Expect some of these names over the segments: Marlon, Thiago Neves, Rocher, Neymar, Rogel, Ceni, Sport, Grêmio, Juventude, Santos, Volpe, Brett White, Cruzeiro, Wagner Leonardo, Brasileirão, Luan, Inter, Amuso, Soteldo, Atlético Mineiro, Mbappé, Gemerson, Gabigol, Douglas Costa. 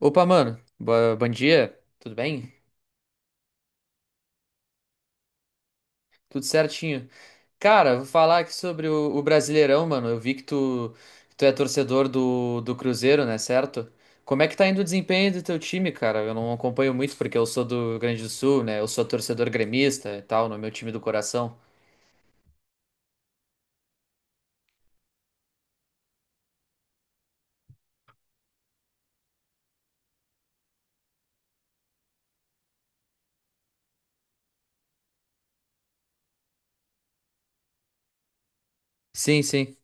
Opa, mano. Bom dia. Tudo bem? Tudo certinho. Cara, vou falar aqui sobre o Brasileirão, mano. Eu vi que tu é torcedor do Cruzeiro, né? Certo? Como é que tá indo o desempenho do teu time, cara? Eu não acompanho muito porque eu sou do Rio Grande do Sul, né? Eu sou torcedor gremista e tal, no meu time do coração. Sim, sim.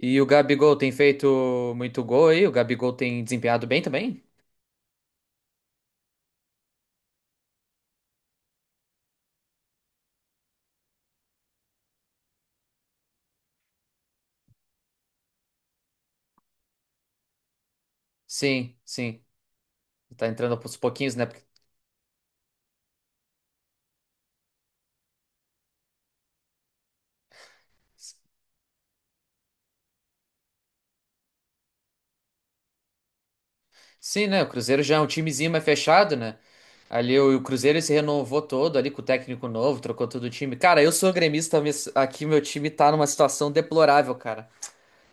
E o Gabigol tem feito muito gol aí? O Gabigol tem desempenhado bem também? Sim, sim. Tá entrando aos pouquinhos, né? Sim, né? O Cruzeiro já é um timezinho mais fechado, né? Ali o Cruzeiro ele se renovou todo ali com o técnico novo, trocou todo o time. Cara, eu sou gremista, mas aqui meu time tá numa situação deplorável, cara.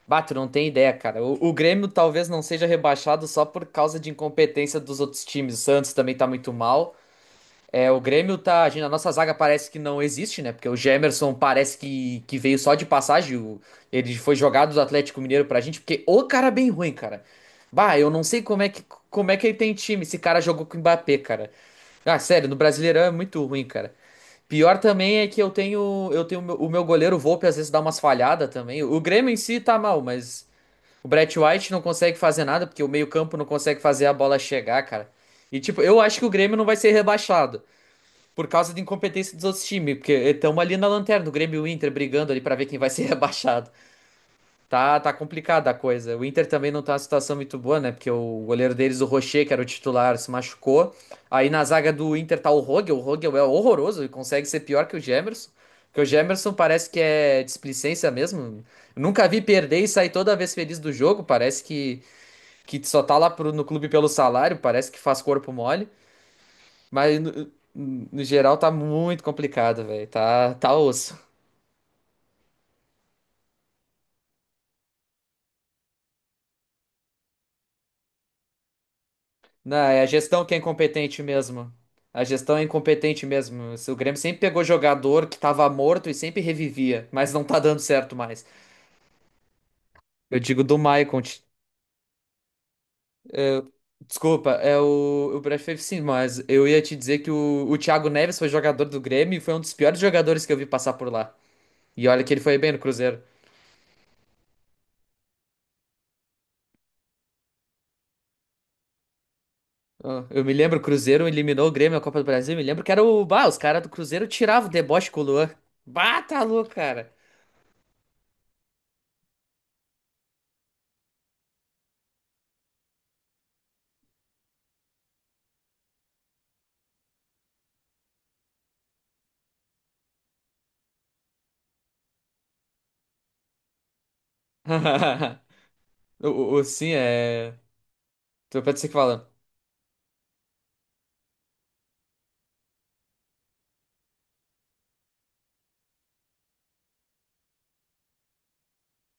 Bato, não tem ideia, cara. O Grêmio talvez não seja rebaixado só por causa de incompetência dos outros times. O Santos também tá muito mal. É, o Grêmio tá agindo. A nossa zaga parece que não existe, né? Porque o Gemerson parece que veio só de passagem. Ele foi jogado do Atlético Mineiro pra gente, porque o cara é bem ruim, cara. Bah, eu não sei como é que ele tem time. Esse cara jogou com o Mbappé, cara. Ah, sério, no Brasileirão é muito ruim, cara. Pior também é que eu tenho o meu goleiro Volpe às vezes dá umas falhadas também. O Grêmio em si tá mal, mas o Brett White não consegue fazer nada, porque o meio-campo não consegue fazer a bola chegar, cara. E tipo, eu acho que o Grêmio não vai ser rebaixado. Por causa de incompetência dos outros times, porque estamos ali na lanterna, o Grêmio e o Inter brigando ali pra ver quem vai ser rebaixado. Tá, tá complicada a coisa. O Inter também não tá numa situação muito boa, né? Porque o goleiro deles, o Rocher, que era o titular, se machucou. Aí na zaga do Inter tá o Rogel. O Rogel é horroroso e consegue ser pior que o Gemerson. Porque o Gemerson parece que é displicência mesmo. Nunca vi perder e sair toda vez feliz do jogo. Parece que só tá lá no clube pelo salário, parece que faz corpo mole. Mas no geral tá muito complicado, velho. Tá, tá osso. Não, é a gestão que é incompetente mesmo. A gestão é incompetente mesmo. O Grêmio sempre pegou jogador que tava morto e sempre revivia, mas não tá dando certo mais. Eu digo do Maicon. É, Desculpa, é o prefiro sim, mas eu ia te dizer que o Thiago Neves foi jogador do Grêmio e foi um dos piores jogadores que eu vi passar por lá. E olha que ele foi bem no Cruzeiro. Ah, eu me lembro, o Cruzeiro eliminou o Grêmio na Copa do Brasil. Me lembro que era o. Bah, os caras do Cruzeiro tiravam o deboche com o Luan. Bah, tá louco, cara. Sim, é. Tu pode ser que fala.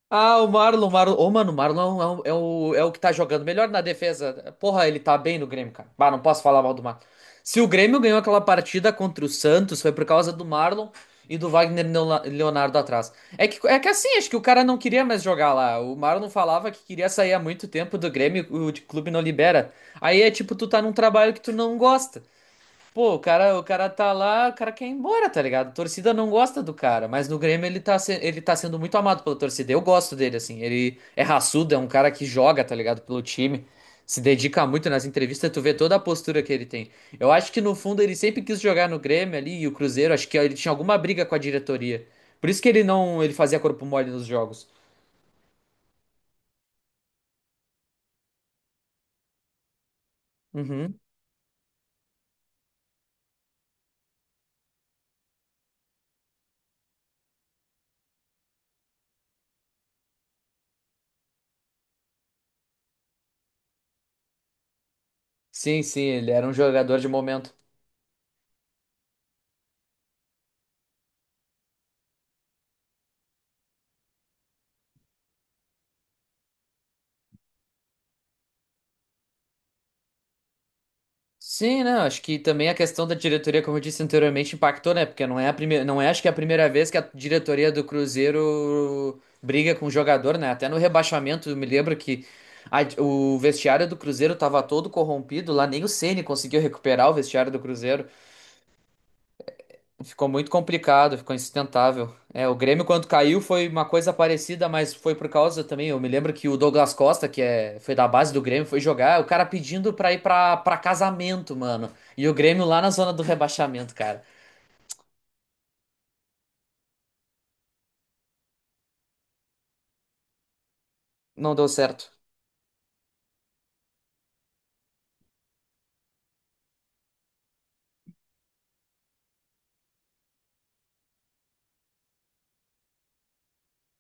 Ah, o Marlon, Marlon. Ô, mano, o Marlon é o, é um, é o é o que tá jogando melhor na defesa. Porra, ele tá bem no Grêmio, cara. Bah, não posso falar mal do Marlon. Se o Grêmio ganhou aquela partida contra o Santos, foi por causa do Marlon e do Wagner Leonardo atrás. É que assim, acho que o cara não queria mais jogar lá. O Marlon falava que queria sair há muito tempo do Grêmio, o de clube não libera. Aí é tipo, tu tá num trabalho que tu não gosta. Pô, o cara tá lá, o cara quer ir embora, tá ligado? A torcida não gosta do cara, mas no Grêmio ele ele tá sendo muito amado pela torcida. Eu gosto dele, assim. Ele é raçudo, é um cara que joga, tá ligado? Pelo time, se dedica muito nas entrevistas, tu vê toda a postura que ele tem. Eu acho que no fundo ele sempre quis jogar no Grêmio ali e o Cruzeiro, acho que ele tinha alguma briga com a diretoria. Por isso que ele não, ele fazia corpo mole nos jogos. Uhum. Sim, sim, ele era um jogador de momento. Sim, né? Acho que também a questão da diretoria, como eu disse anteriormente, impactou, né? Porque não é a primeira, não é, acho que é a primeira vez que a diretoria do Cruzeiro briga com o jogador, né? Até no rebaixamento, eu me lembro que o vestiário do Cruzeiro tava todo corrompido, lá nem o Ceni conseguiu recuperar o vestiário do Cruzeiro. Ficou muito complicado, ficou insustentável. É, o Grêmio quando caiu foi uma coisa parecida, mas foi por causa também. Eu me lembro que o Douglas Costa, foi da base do Grêmio, foi jogar, o cara pedindo pra ir pra casamento, mano. E o Grêmio lá na zona do rebaixamento, cara. Não deu certo.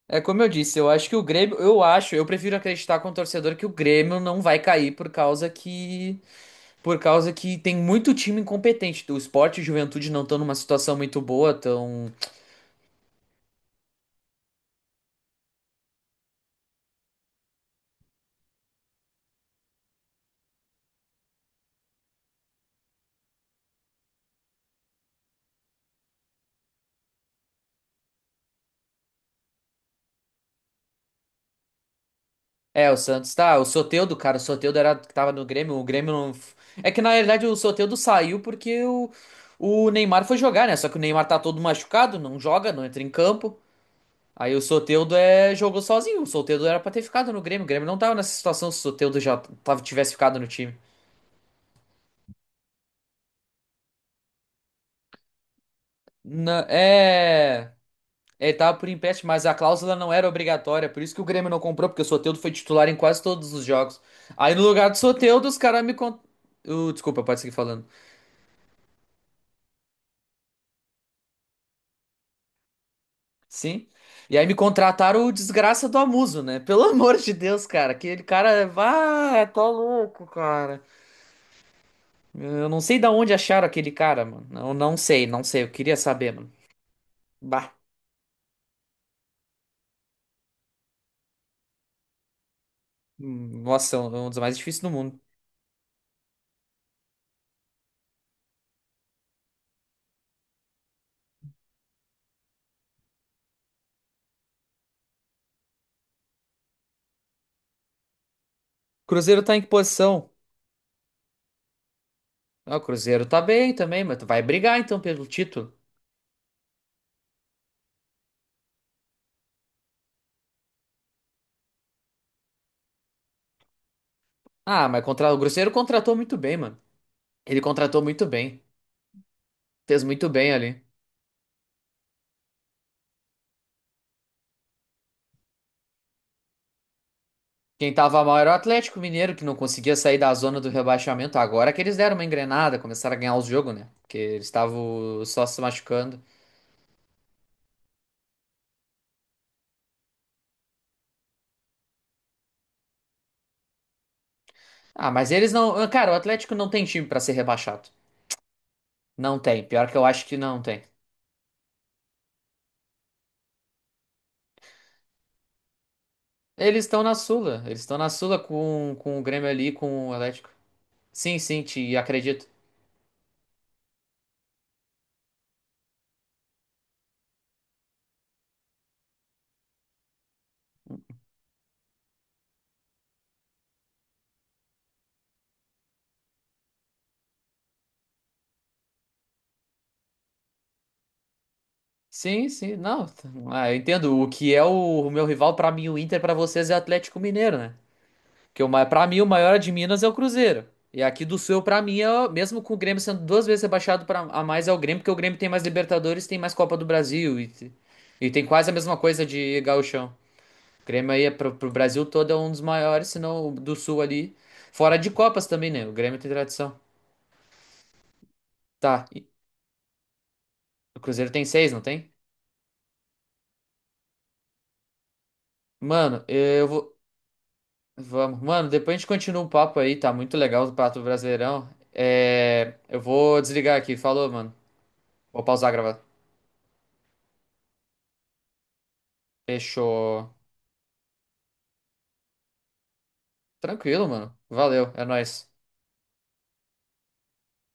É como eu disse, eu acho que o Grêmio, eu acho, eu prefiro acreditar como torcedor que o Grêmio não vai cair por causa que tem muito time incompetente. O Sport e o Juventude não estão numa situação muito boa, estão. É, o Santos tá. O Soteldo, cara, o Soteldo era que tava no Grêmio. O Grêmio não. É que na realidade o Soteldo saiu porque o Neymar foi jogar, né? Só que o Neymar tá todo machucado, não joga, não entra em campo. Aí o Soteldo jogou sozinho. O Soteldo era pra ter ficado no Grêmio. O Grêmio não tava nessa situação se o Soteldo já tava, tivesse ficado no time. É. Ele tava por empréstimo, mas a cláusula não era obrigatória. Por isso que o Grêmio não comprou, porque o Soteldo foi titular em quase todos os jogos. Aí no lugar do Soteldo, os caras uh, desculpa, pode seguir falando. Sim. E aí me contrataram o desgraça do Amuso, né? Pelo amor de Deus, cara. Aquele cara. Ah, tô louco, cara. Eu não sei da onde acharam aquele cara, mano. Não, não sei, não sei. Eu queria saber, mano. Bah. Nossa, é um dos mais difíceis do mundo. Cruzeiro tá em que posição? Ah, o Cruzeiro tá bem também, mas tu vai brigar então pelo título. Ah, mas contra... o Cruzeiro contratou muito bem, mano. Ele contratou muito bem. Fez muito bem ali. Quem tava mal era o Atlético Mineiro, que não conseguia sair da zona do rebaixamento. Agora que eles deram uma engrenada, começaram a ganhar os jogos, né? Porque eles estavam só se machucando. Ah, mas eles não. ah, cara, o Atlético não tem time pra ser rebaixado. Não tem. Pior que eu acho que não tem. Eles estão na Sula. Eles estão na Sula com o Grêmio ali, com o Atlético. Sim, sim, te acredito. Sim, sim. Não. t- Ah, eu entendo. O que é o meu rival pra mim, o Inter, pra vocês é o Atlético Mineiro, né? Porque pra mim, o maior é de Minas é o Cruzeiro. E aqui do Sul, pra mim, mesmo com o Grêmio sendo duas vezes rebaixado a mais, é o Grêmio, porque o Grêmio tem mais Libertadores, tem mais Copa do Brasil e tem quase a mesma coisa de gauchão. O Grêmio aí é pro Brasil todo é um dos maiores, se não o do Sul ali. Fora de Copas também, né? O Grêmio tem tradição. Tá, e o Cruzeiro tem seis, não tem? Mano, eu vou. Vamos. Mano, depois a gente continua o papo aí, tá muito legal o Pato Brasileirão. É, eu vou desligar aqui, falou, mano. Vou pausar a gravação. Fechou. Tranquilo, mano. Valeu, é nóis.